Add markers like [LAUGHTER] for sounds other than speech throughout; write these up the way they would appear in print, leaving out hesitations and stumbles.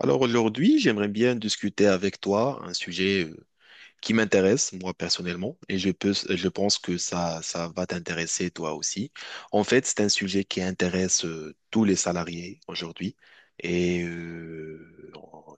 Alors aujourd'hui, j'aimerais bien discuter avec toi un sujet qui m'intéresse, moi personnellement, et je pense que ça va t'intéresser toi aussi. En fait, c'est un sujet qui intéresse tous les salariés aujourd'hui, et euh,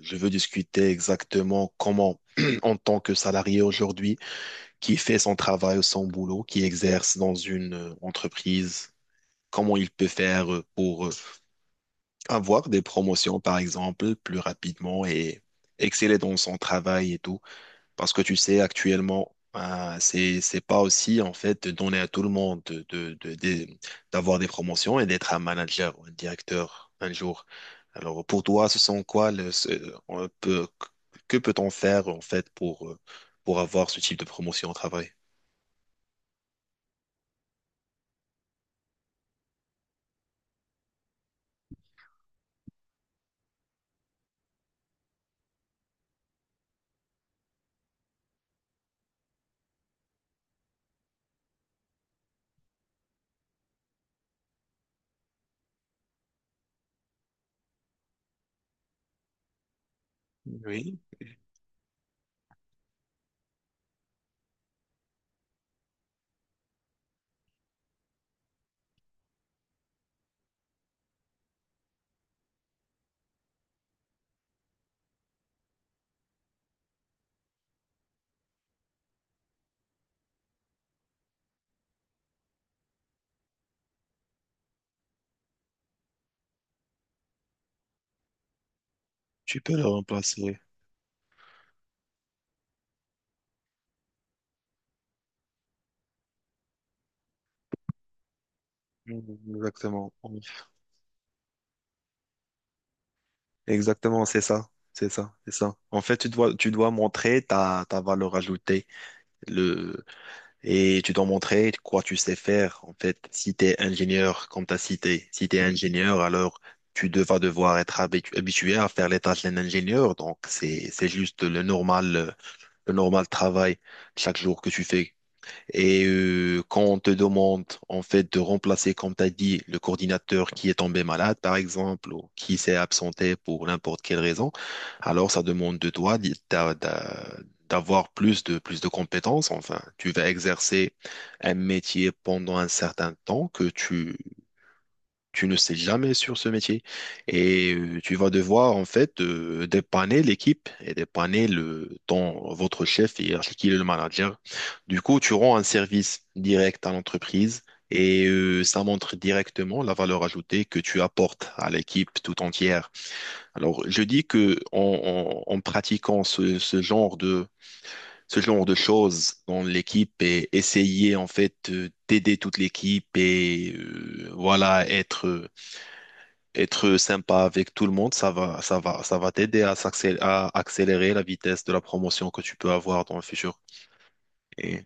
je veux discuter exactement comment, [CLEARS THROAT] en tant que salarié aujourd'hui, qui fait son travail ou son boulot, qui exerce dans une entreprise, comment il peut faire pour avoir des promotions, par exemple, plus rapidement et exceller dans son travail et tout. Parce que tu sais, actuellement, c'est pas aussi, en fait, de donner à tout le monde d'avoir des promotions et d'être un manager ou un directeur un jour. Alors, pour toi, ce sont quoi le, ce- on peut, que peut-on faire, en fait, pour avoir ce type de promotion au travail? Oui, tu peux le remplacer. Mm. Exactement. Exactement, c'est ça. C'est ça, c'est ça. En fait, tu dois montrer ta valeur ajoutée, le, et tu dois montrer quoi tu sais faire. En fait, si tu es ingénieur, comme tu as cité, si tu es ingénieur, alors vas devoir être habitué à faire les tâches d'un ingénieur. Donc, c'est juste le normal travail chaque jour que tu fais. Quand on te demande en fait de remplacer, comme tu as dit, le coordinateur qui est tombé malade, par exemple, ou qui s'est absenté pour n'importe quelle raison, alors ça demande de toi d'avoir plus de compétences. Enfin, tu vas exercer un métier pendant un certain temps que tu ne sais jamais sur ce métier tu vas devoir en fait dépanner l'équipe et dépanner le ton votre chef et qui est le manager. Du coup, tu rends un service direct à l'entreprise ça montre directement la valeur ajoutée que tu apportes à l'équipe tout entière. Alors, je dis que en pratiquant ce genre de choses dans l'équipe et essayer en fait d'aider toute l'équipe voilà être être sympa avec tout le monde, ça va t'aider à à accélérer la vitesse de la promotion que tu peux avoir dans le futur. Et...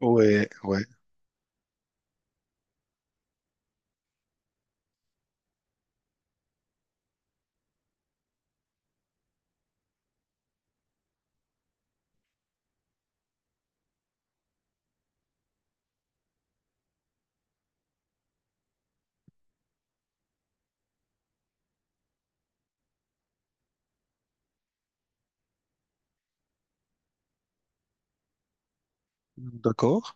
Ouais, ouais, d'accord.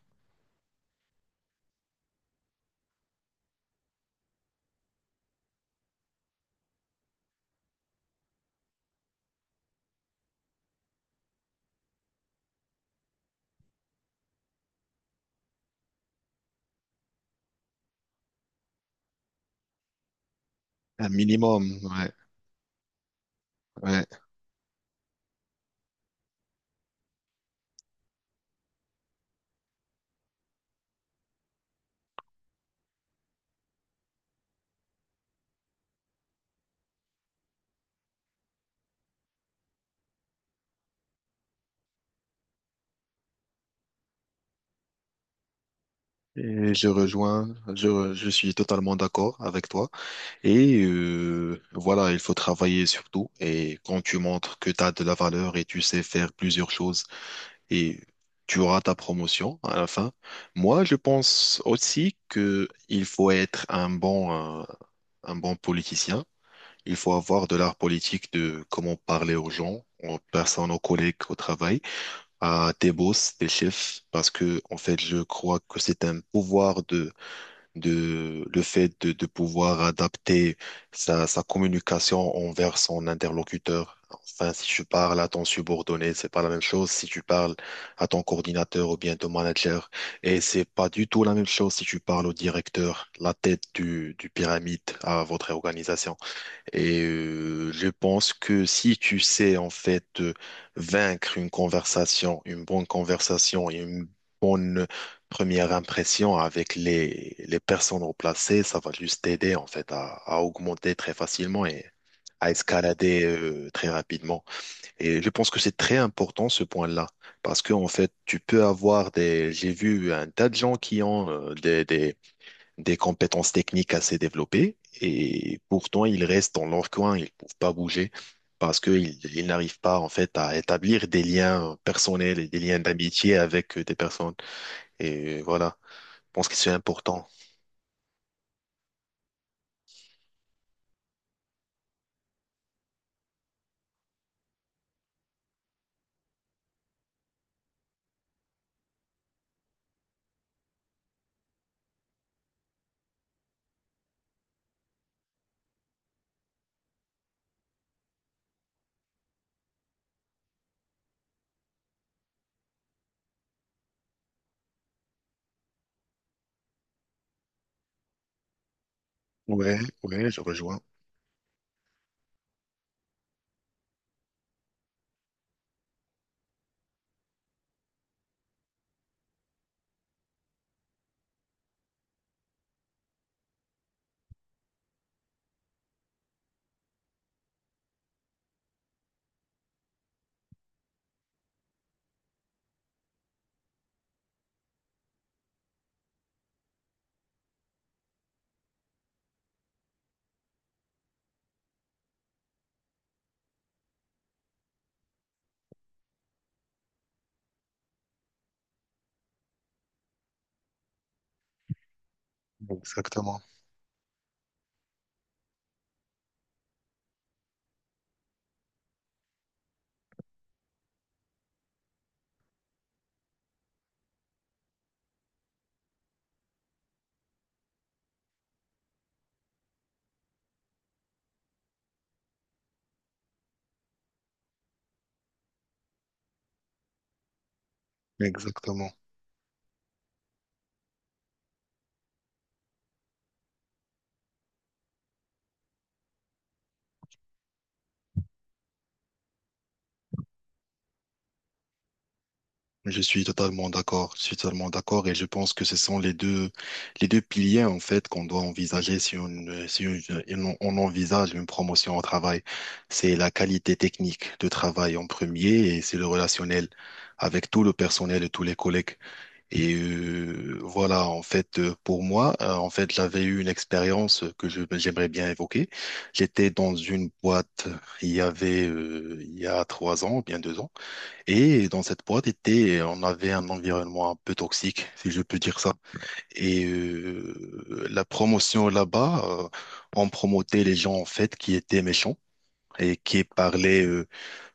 Un minimum, ouais, ouais. Et je rejoins, je suis totalement d'accord avec toi. Voilà, il faut travailler sur tout. Et quand tu montres que tu as de la valeur et tu sais faire plusieurs choses et tu auras ta promotion à la fin. Moi, je pense aussi que il faut être euh, un bon politicien. Il faut avoir de l'art politique de comment parler aux gens, aux personnes, aux collègues au travail, à tes boss, tes chefs, parce que, en fait, je crois que c'est un pouvoir le fait de pouvoir adapter sa communication envers son interlocuteur. Enfin, si tu parles à ton subordonné, c'est pas la même chose si tu parles à ton coordinateur ou bien ton manager. Et c'est pas du tout la même chose si tu parles au directeur, la tête du pyramide à votre organisation. Je pense que si tu sais en fait vaincre une conversation, une bonne conversation et une bonne première impression avec les personnes remplacées, ça va juste t'aider en fait à augmenter très facilement et à escalader très rapidement. Et je pense que c'est très important ce point-là parce que en fait tu peux avoir des, j'ai vu un tas de gens qui ont des compétences techniques assez développées et pourtant ils restent dans leur coin, ils ne peuvent pas bouger parce qu'ils n'arrivent pas en fait à établir des liens personnels et des liens d'amitié avec des personnes. Et voilà, je pense que c'est important. Ouais, ouais, je rejoins. Exactement, exactement. Je suis totalement d'accord, je suis totalement d'accord et je pense que ce sont les deux piliers en fait qu'on doit envisager si on, on envisage une promotion au travail. C'est la qualité technique de travail en premier et c'est le relationnel avec tout le personnel et tous les collègues. Pour moi, j'avais eu une expérience que j'aimerais bien évoquer. J'étais dans une boîte, il y avait, il y a 3 ans, bien 2 ans. Et dans cette boîte était, on avait un environnement un peu toxique, si je peux dire ça. La promotion là-bas, on promotait les gens en fait qui étaient méchants et qui parlaient,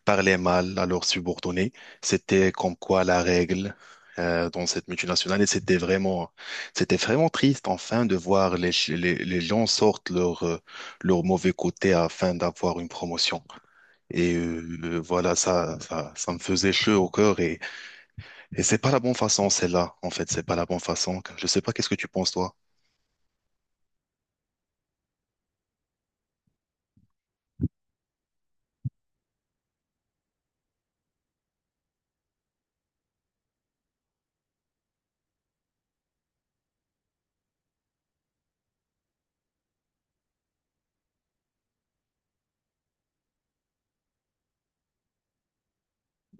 parlaient mal à leurs subordonnés. C'était comme quoi la règle dans cette multinationale. Et c'était vraiment triste enfin de voir les gens sortent leur, leur mauvais côté afin d'avoir une promotion. Ça me faisait chaud au cœur. Et c'est pas la bonne façon, celle-là. En fait, c'est pas la bonne façon. Je sais pas qu'est-ce que tu penses, toi.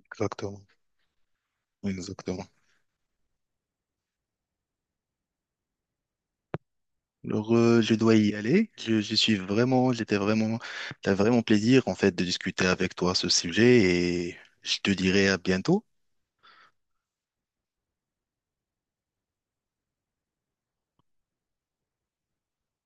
Exactement. Exactement. Alors, je dois y aller. J'étais vraiment, t'as vraiment plaisir, en fait, de discuter avec toi ce sujet et je te dirai à bientôt.